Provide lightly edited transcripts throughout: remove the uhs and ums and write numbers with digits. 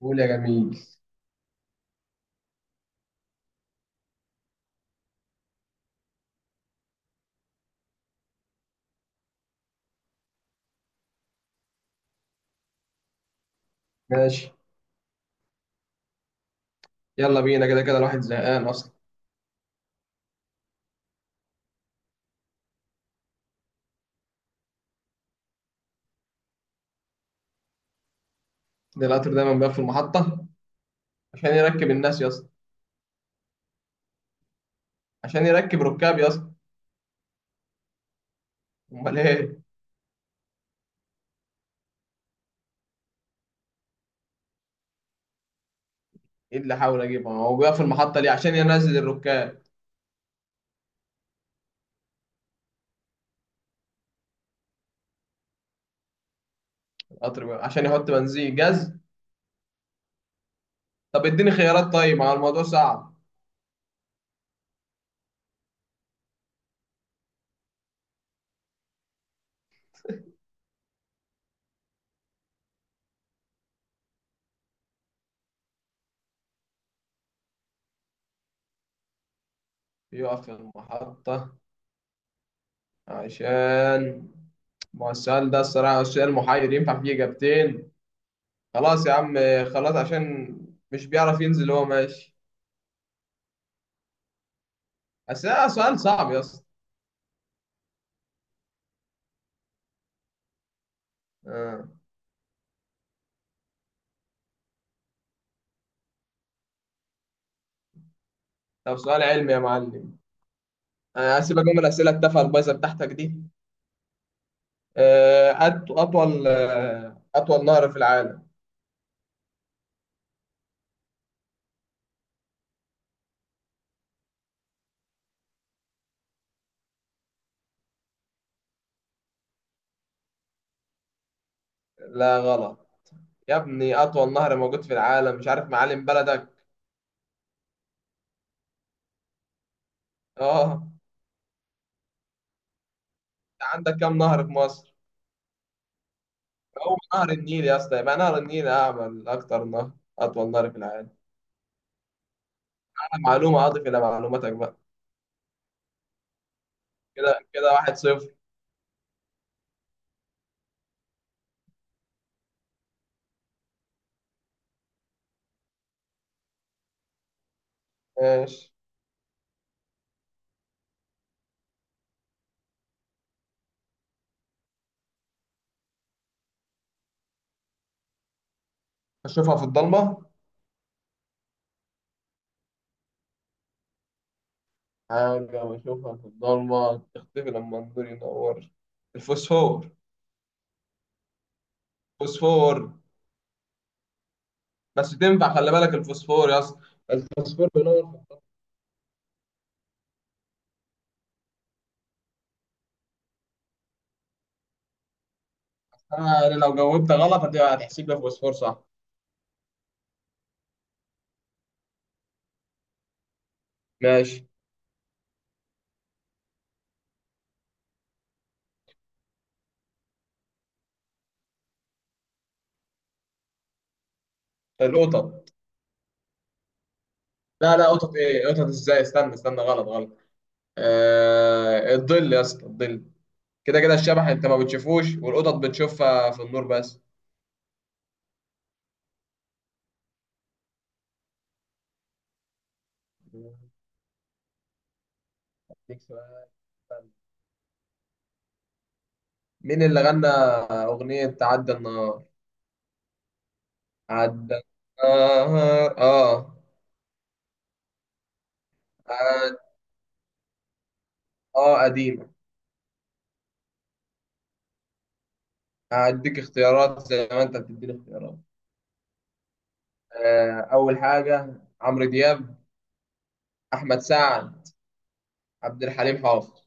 قول يا جميل. ماشي، يلا بينا، كده كده الواحد زهقان اصلا. ده القطر دايما بقى في المحطه عشان يركب الناس يا اسطى. عشان يركب ركاب يا اسطى. امال ايه؟ ايه اللي حاول اجيبه، هو بيقف في المحطه ليه؟ عشان ينزل الركاب. القطر بقى عشان يحط بنزين جاز. طب اديني خيارات طيب، ما هو الموضوع صعب. بيقف في المحطه عشان، ما هو السؤال ده الصراحه السؤال محير، ينفع فيه اجابتين. خلاص يا عم، خلاص عشان مش بيعرف ينزل هو ماشي. بس ده سؤال صعب يا اسطى. آه. طب سؤال علمي يا معلم. أنا هسيبك من الأسئلة التافهة البايظة بتاعتك دي. أطول نهر في العالم. لا غلط، يا ابني أطول نهر موجود في العالم، مش عارف معالم بلدك؟ أه أنت عندك كام نهر في مصر؟ هو نهر النيل يا اسطى، يبقى نهر النيل أعمل أكتر نهر، أطول نهر في العالم. أنا معلومة أضف إلى معلوماتك بقى. كده كده واحد صفر. ماشي. أشوفها في الضلمة. حاجة بشوفها في الضلمة تختفي لما النور ينور؟ الفوسفور. فوسفور. بس تنفع، خلي بالك الفوسفور يا اسطى، الفوسفور بينور في السماء، يعني لو جاوبت غلط هتحسب لي فوسفور صح. ماشي. القطط. لا، لا، قطط ايه؟ قطط ازاي؟ استنى، غلط غلط. الظل يا اسطى، الظل. كده كده الشبح انت ما بتشوفوش، والقطط بتشوفها في النور بس. أديك سؤال. مين اللي غنى أغنية عدى النهار؟ عدى النهار، اه. عد- اه قديمة. هديك اختيارات زي ما انت بتديني اختيارات. أول حاجة عمرو دياب، أحمد سعد، عبد الحليم حافظ.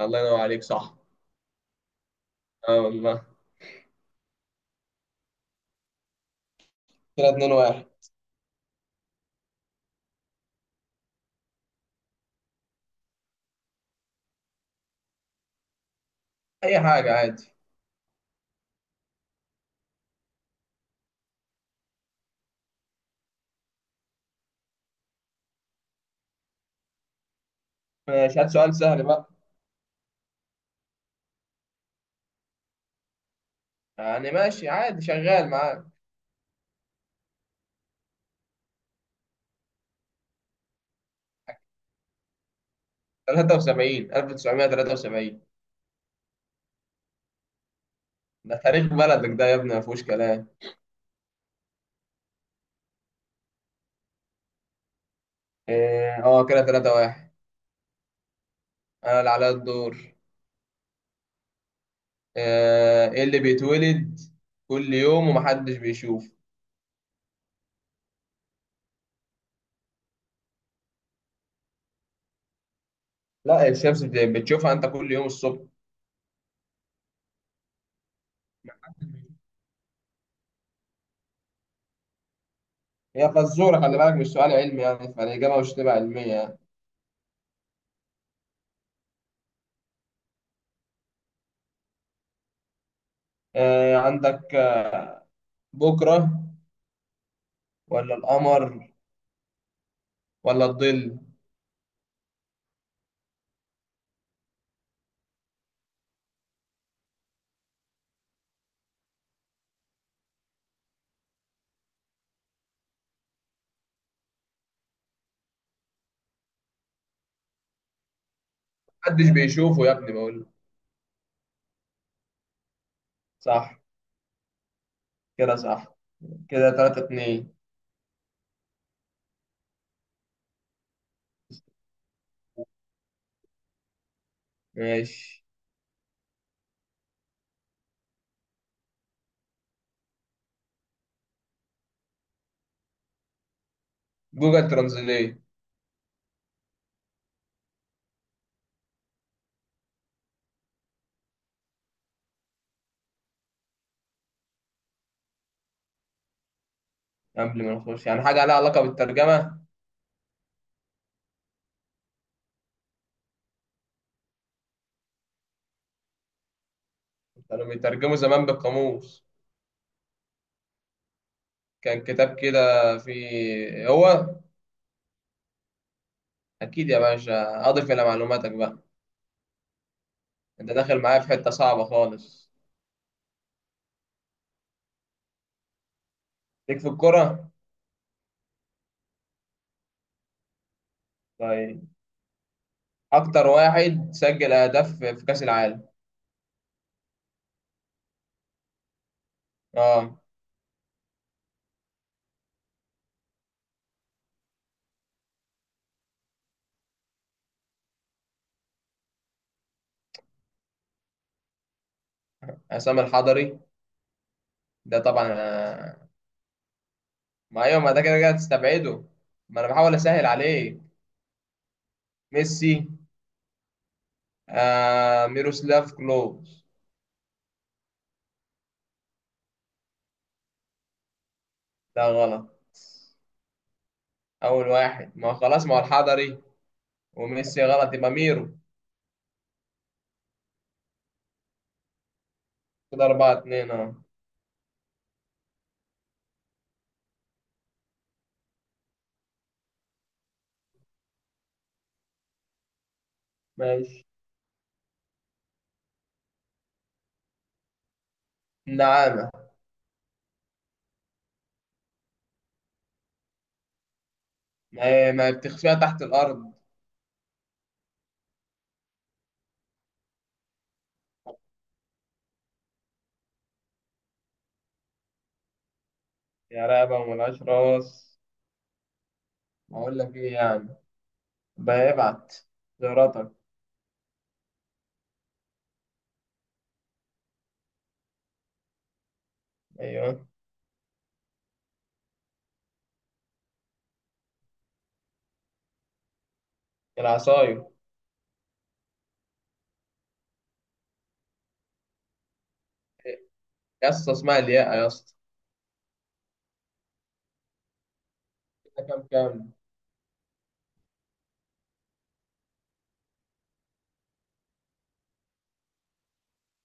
الله ينور عليك، صح. اه والله. كده 2 1. أي حاجة عادي. ماشي، هات سؤال سهل بقى. يعني ماشي عادي، شغال معاك. 73، 1973. ده تاريخ بلدك ده يا ابني، ما فيهوش كلام. اه كده 3 1. أنا اللي عليا الدور. إيه اللي بيتولد كل يوم ومحدش بيشوفه؟ لا، الشمس بتشوفها أنت كل يوم الصبح. هي فزورة، خلي بالك مش سؤال علمي، يعني فالإجابة مش تبقى علمية يعني. عندك بكرة ولا القمر ولا الظل؟ محدش بيشوفه يا ابني بقول. صح؟ كده صح. كده تلاتة اتنين. ماشي. جوجل ترانزليت. قبل ما نخش يعني حاجة لها علاقة بالترجمة؟ كانوا بيترجموا زمان بالقاموس. كان كتاب كده فيه هو. أكيد يا باشا، أضف إلى معلوماتك بقى. أنت داخل معايا في حتة صعبة خالص. ليك في الكرة؟ طيب، اكتر واحد سجل اهداف في كاس العالم. اه. عصام الحضري ده طبعا، ما ايوه، ما ده كده كده تستبعده، ما انا بحاول اسهل عليك. ميسي، آه، ميروسلاف كلوز. ده غلط. اول واحد ما هو خلاص، ما هو الحضري وميسي غلط، يبقى ميرو. كده اربعة اتنين، اه. ماشي. نعامة. ما هي بتخفيها تحت الارض. يا رقبة وملهاش راس، ما اقول لك ايه يعني. بيبعت زياراتك. ايوه. العصاية. يا اسطى اسمها الياقة يا اسطى. كده كام كام؟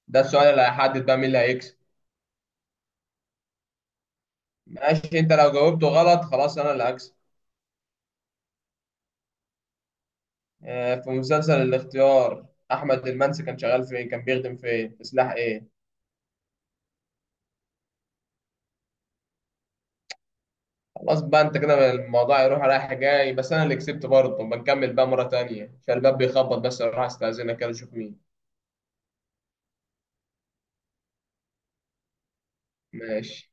ده السؤال اللي هيحدد بقى مين اللي هيكسب. ماشي، انت لو جاوبته غلط خلاص انا اللي هكسب. في مسلسل الاختيار، احمد المنسي كان شغال فين؟ كان بيخدم فين؟ في سلاح ايه؟ خلاص بقى انت كده، الموضوع يروح رايح جاي، بس انا اللي كسبت برضه. بنكمل بقى مرة تانية عشان الباب بيخبط، بس اروح استأذنك كده اشوف مين. ماشي.